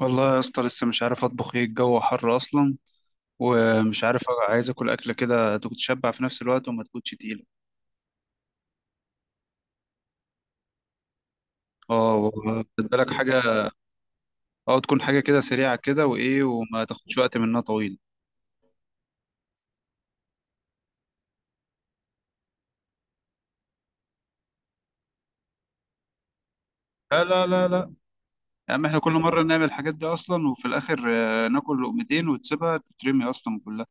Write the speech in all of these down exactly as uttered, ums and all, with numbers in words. والله يا اسطى لسه مش عارف اطبخ ايه. الجو حر اصلا ومش عارف. عايز اكل اكله كده تكون تشبع في نفس الوقت وما تكونش تقيله. اه و- خد بالك حاجه. اه، تكون حاجه كده سريعه كده وايه وما تاخدش وقت منها طويل. لا لا لا لا، يا عم احنا كل مره نعمل الحاجات دي اصلا وفي الاخر آه، ناكل لقمتين وتسيبها تترمي اصلا كلها.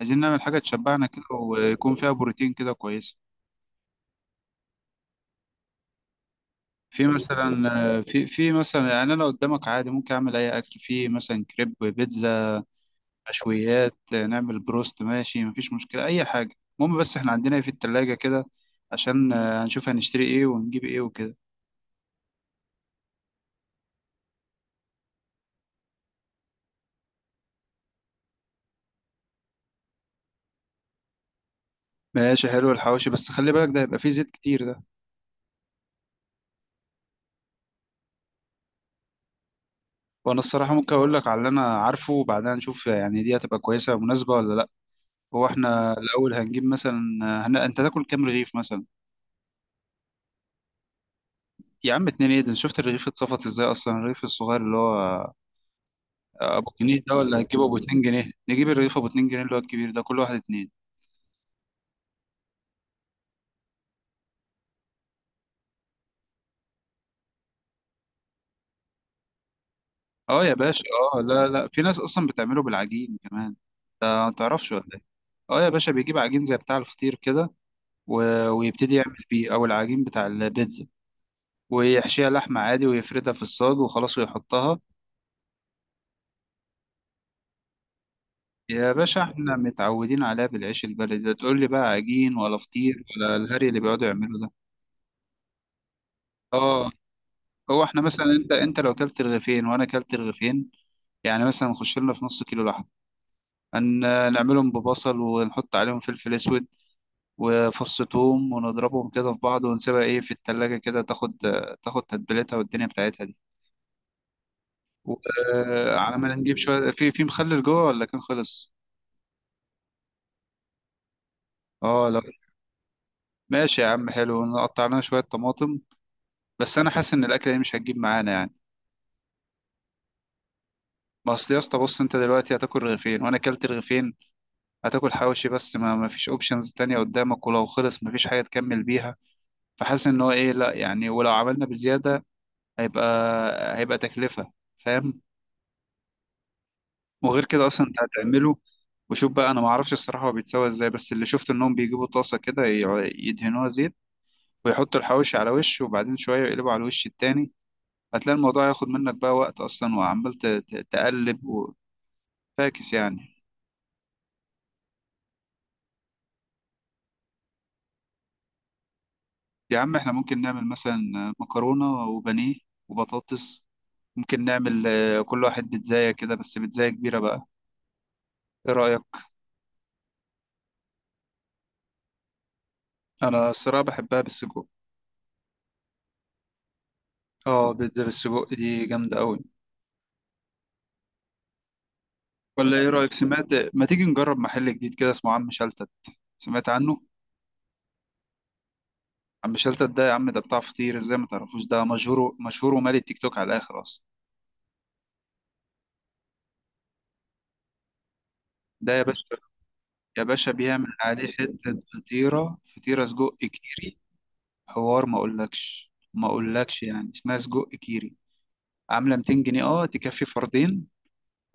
عايزين نعمل حاجه تشبعنا كده ويكون فيها بروتين كده كويس. في مثلا آه، في في مثلا يعني انا قدامك عادي ممكن اعمل اي اكل، في مثلا كريب، بيتزا، مشويات، نعمل بروست، ماشي، مفيش مشكلة أي حاجة. المهم بس احنا عندنا إيه في التلاجة كده، عشان آه، هنشوف هنشتري ايه ونجيب ايه وكده. ماشي حلو الحواوشي، بس خلي بالك ده هيبقى فيه زيت كتير ده. وانا الصراحة ممكن اقول لك على اللي انا عارفه وبعدها نشوف يعني دي هتبقى كويسة مناسبة ولا لا. هو احنا الاول هنجيب مثلا آه، هن... انت تاكل كام رغيف مثلا؟ يا عم اتنين ايه ده؟ شفت الرغيف اتصفط ازاي اصلا، الرغيف الصغير اللي هو آه، ابو جنيه ده ولا هتجيبه ابو اتنين جنيه؟ نجيب الرغيف ابو اتنين جنيه اللي هو الكبير ده، كل واحد اتنين. اه يا باشا. اه لا لا، في ناس اصلا بتعمله بالعجين كمان، ده ما تعرفش ولا ايه؟ اه يا باشا، بيجيب عجين زي بتاع الفطير كده و- ويبتدي يعمل بيه، او العجين بتاع البيتزا، ويحشيها لحمة عادي ويفردها في الصاج وخلاص ويحطها. يا باشا احنا متعودين عليها بالعيش البلدي ده، تقول لي بقى عجين ولا فطير ولا الهري اللي بيقعدوا يعملوا ده. اه. هو احنا مثلا، انت انت لو كلت رغيفين وانا كلت رغيفين، يعني مثلا نخش لنا في نص كيلو لحمه، هن- نعملهم ببصل ونحط عليهم فلفل اسود وفص ثوم، ونضربهم كده في بعض ونسيبها ايه في التلاجة كده، تاخد تاخد تتبيلتها والدنيا بتاعتها دي. وعلى ما نجيب شوية في في مخلل جوه، ولا كان خلص؟ اه لا. ماشي يا عم، حلو، نقطع لنا شوية طماطم. بس انا حاسس ان الاكلة دي مش هتجيب معانا يعني. ما اصل يا اسطى، بص، انت دلوقتي هتاكل رغيفين وانا اكلت رغيفين، هتاكل حواوشي بس، ما ما فيش اوبشنز تانية قدامك، ولو خلص ما فيش حاجة تكمل بيها. فحاسس ان هو ايه، لا يعني، ولو عملنا بزيادة هيبقى هيبقى تكلفة، فاهم؟ وغير كده اصلا انت هتعمله. وشوف بقى، انا ما اعرفش الصراحه هو بيتسوى ازاي، بس اللي شفت انهم بيجيبوا طاسه كده ي- يدهنوها زيت، ويحطوا الحواوشي على وش وبعدين شويه يقلبوا على الوش التاني. هتلاقي الموضوع هياخد منك بقى وقت اصلا، وعمال ت- ت- تقلب، وفاكس يعني. يا عم احنا ممكن نعمل مثلا مكرونه وبانيه وبطاطس، ممكن نعمل آه، كل واحد بيتزاية كده، بس بيتزاية كبيرة بقى، ايه رأيك؟ انا الصراحة بحبها بالسجق. اه بيتزا بالسجق دي جامدة قوي. ولا ايه رأيك، سمعت؟ ما تيجي نجرب محل جديد كده اسمه عم شلتت، سمعت عنه؟ عم شلتت ده يا عم، ده بتاع فطير، ازاي ما تعرفوش؟ ده مشهور مشهور، ومالي التيك توك على الاخر اصلا. ده يا باشا، يا باشا بيعمل عليه حتة فطيرة، فطيرة سجق كيري. حوار ما اقولكش ما اقولكش، يعني اسمها سجق كيري، عاملة ميتين جنيه، اه، تكفي فردين.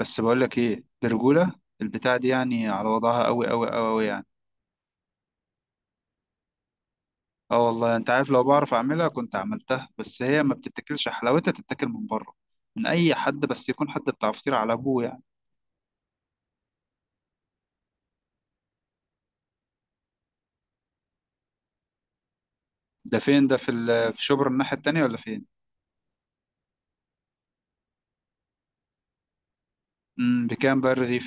بس بقولك ايه، برجولة البتاع دي يعني على وضعها، قوي قوي قوي. اه والله، انت عارف لو بعرف اعملها كنت عملتها، بس هي ما بتتاكلش حلاوتها، تتاكل من بره، من اي حد بس يكون حد بتاع فطير على ابوه يعني. ده فين ده، في ال- في شبرا الناحيه التانيه ولا فين؟ امم، بكام بقى الرغيف؟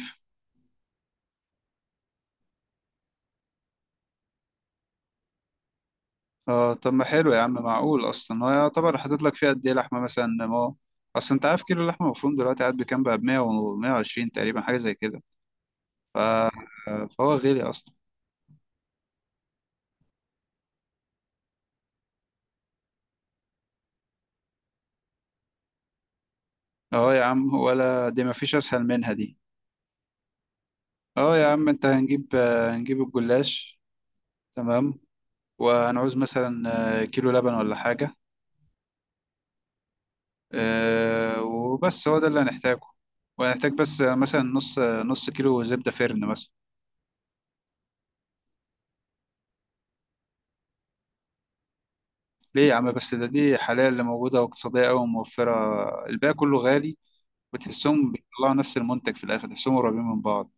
اه طب ما حلو يا عم، معقول اصلا؟ هو يعتبر حاطط لك فيها قد ايه لحمه مثلا؟ ما هو اصل انت عارف كيلو اللحمه المفروم دلوقتي قاعد بكام بقى؟ ب مئة و120 تقريبا حاجه زي كده. ف... فهو غالي اصلا. اه يا عم ولا دي، ما فيش اسهل منها دي. اه يا عم، انت، هنجيب هنجيب الجلاش، تمام، وهنعوز مثلا آه، كيلو لبن ولا حاجة. آه، وبس، هو ده اللي هنحتاجه. وهنحتاج بس مثلا نص نص كيلو زبدة فرن مثلا. ليه يا عم بس؟ ده دي حاليا اللي موجودة واقتصادية أوي وموفرة، الباقي كله غالي، وتحسهم بيطلعوا نفس المنتج في الآخر، تحسهم قريبين من بعض.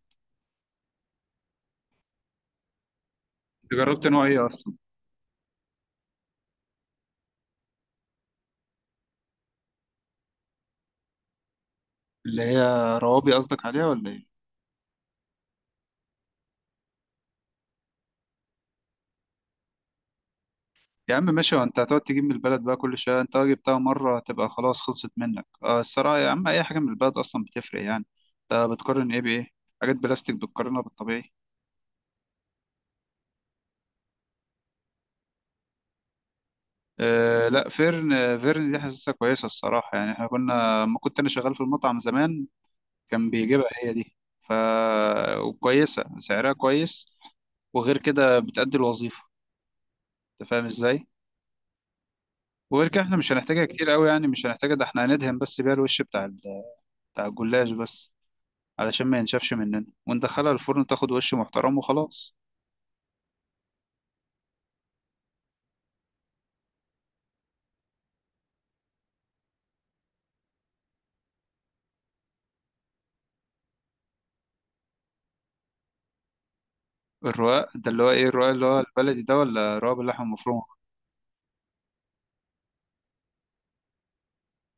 أنت جربت نوع إيه أصلا؟ اللي هي روابي قصدك عليها ولا إيه؟ يا عم ماشي، وانت هتقعد تجيب من البلد بقى كل شويه؟ انت لو جبتها مره هتبقى خلاص، خلصت منك. آه الصراحه يا عم، اي حاجه من البلد اصلا بتفرق يعني، انت بتقارن ايه بايه؟ حاجات بلاستيك بتقارنها بالطبيعي. آه لا، فيرن، فيرن دي حاسسها كويسه الصراحه، يعني احنا كنا، ما كنت انا شغال في المطعم زمان، كان بيجيبها هي دي. ف وكويسه، سعرها كويس، وغير كده بتأدي الوظيفه، انت فاهم ازاي؟ وغير كده احنا مش هنحتاجها كتير قوي يعني، مش هنحتاجها، ده احنا هندهن بس بيها الوش بتاع ال- بتاع الجلاش بس، علشان ما ينشفش مننا، وندخلها الفرن تاخد وش محترم وخلاص. الرقاق ده اللي هو ايه؟ الرقاق اللي هو البلدي ده، ولا رقاق باللحمة المفرومة؟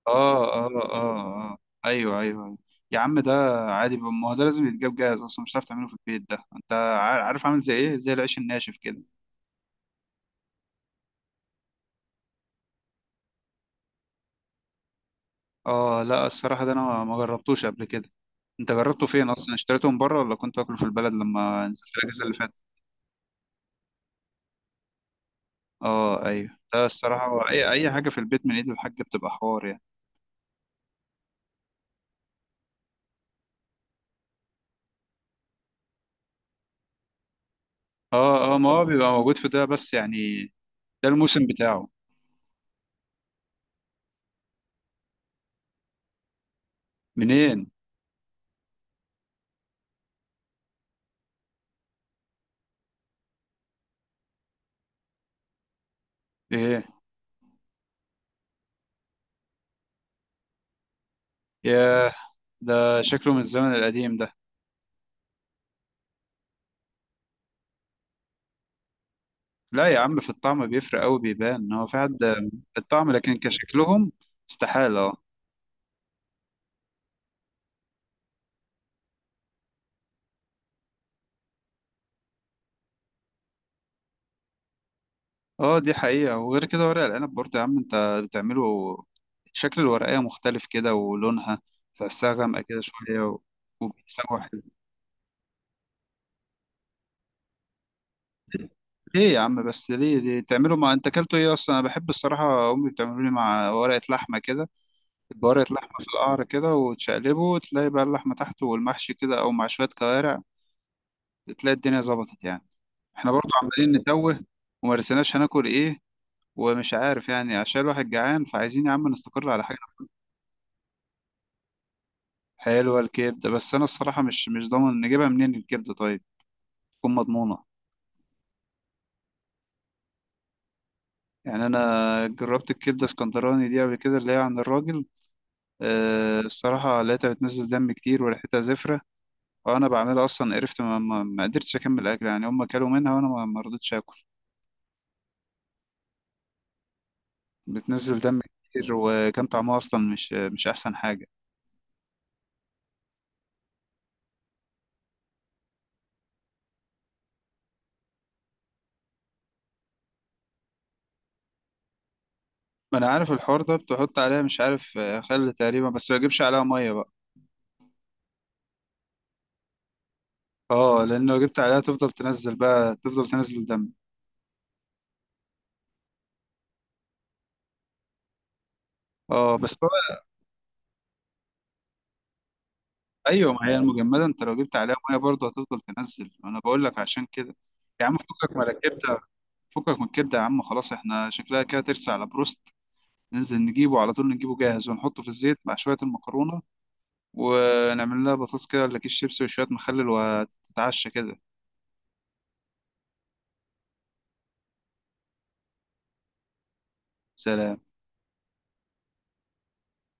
اه اه اه اه آه. ايوه ايوه أيوة. يا عم ده عادي بقى، ما هو ده لازم يتجاب جاهز اصلا، مش هتعرف تعمله في البيت. ده انت عار- عارف عامل زي ايه؟ زي العيش الناشف كده. اه لا الصراحة ده انا ما ما جربتوش قبل كده. انت جربته فين اصلا؟ اشتريته من بره ولا كنت واكله في البلد لما نزلت الاجازة اللي فاتت؟ اه ايوه، ده الصراحة هو، اي اي حاجة في البيت من ايد الحاج بتبقى حوار يعني. اه اه، ما هو بيبقى موجود في ده بس يعني، ده الموسم بتاعه. منين؟ ايه؟ ياه، ده شكله من الزمن القديم ده. لا يا عم، في الطعم بيفرق قوي، بيبان ان هو في حد، في الطعم. لكن كشكلهم، استحالة. اه. اه دي حقيقة، وغير كده ورق العنب برضه يا عم، انت بتعمله، شكل الورقية مختلف كده ولونها، تحسها غامقة كده شوية و- وبيتسوى حلو. ليه يا عم بس؟ ليه ليه تعملوا؟ مع انت اكلته ايه اصلا؟ انا بحب الصراحة امي بتعمله لي مع ورقة لحمة كده، بورقة لحمة في القعر كده، وتشقلبه وتلاقي بقى اللحمة تحته والمحشي كده، أو مع شوية كوارع، تلاقي الدنيا ظبطت يعني. احنا برضو عمالين نتوه، ومرسناش هناكل ايه، ومش عارف يعني، عشان الواحد جعان، فعايزين يا عم نستقر على حاجة. حلوة الكبدة، بس أنا الصراحة مش مش ضامن نجيبها منين. الكبدة طيب تكون مضمونة. يعني أنا جربت الكبدة اسكندراني دي قبل كده، اللي هي عند الراجل. أه الصراحة لقيتها بتنزل دم كتير، وريحتها زفرة، وأنا بعملها أصلا قرفت، ما, ما, ما قدرتش أكمل أكل يعني، هما كلوا منها وأنا ما ما رضيتش آكل. بتنزل دم كتير، وكان طعمها اصلا مش مش احسن حاجه. ما انا عارف الحوار ده، بتحط عليها مش عارف آه، خل تقريبا، بس ما تجيبش عليها ميه بقى. اه، لان لو جبت عليها تفضل تنزل بقى، تفضل تنزل دم. اه بس هو، ايوه ما هي المجمده انت لو جبت عليها ميه برضه هتفضل تنزل، انا بقول لك عشان كده. يا عم فكك من الكبده، فكك من الكبده يا عم، خلاص احنا شكلها كده ترسى على بروست، ننزل نجيبه على طول، نجيبه جاهز ونحطه في الزيت مع شويه المكرونه، ونعمل لها بطاطس كده ولا كيس شيبسي وشويه مخلل، وتتعشى كده. سلام.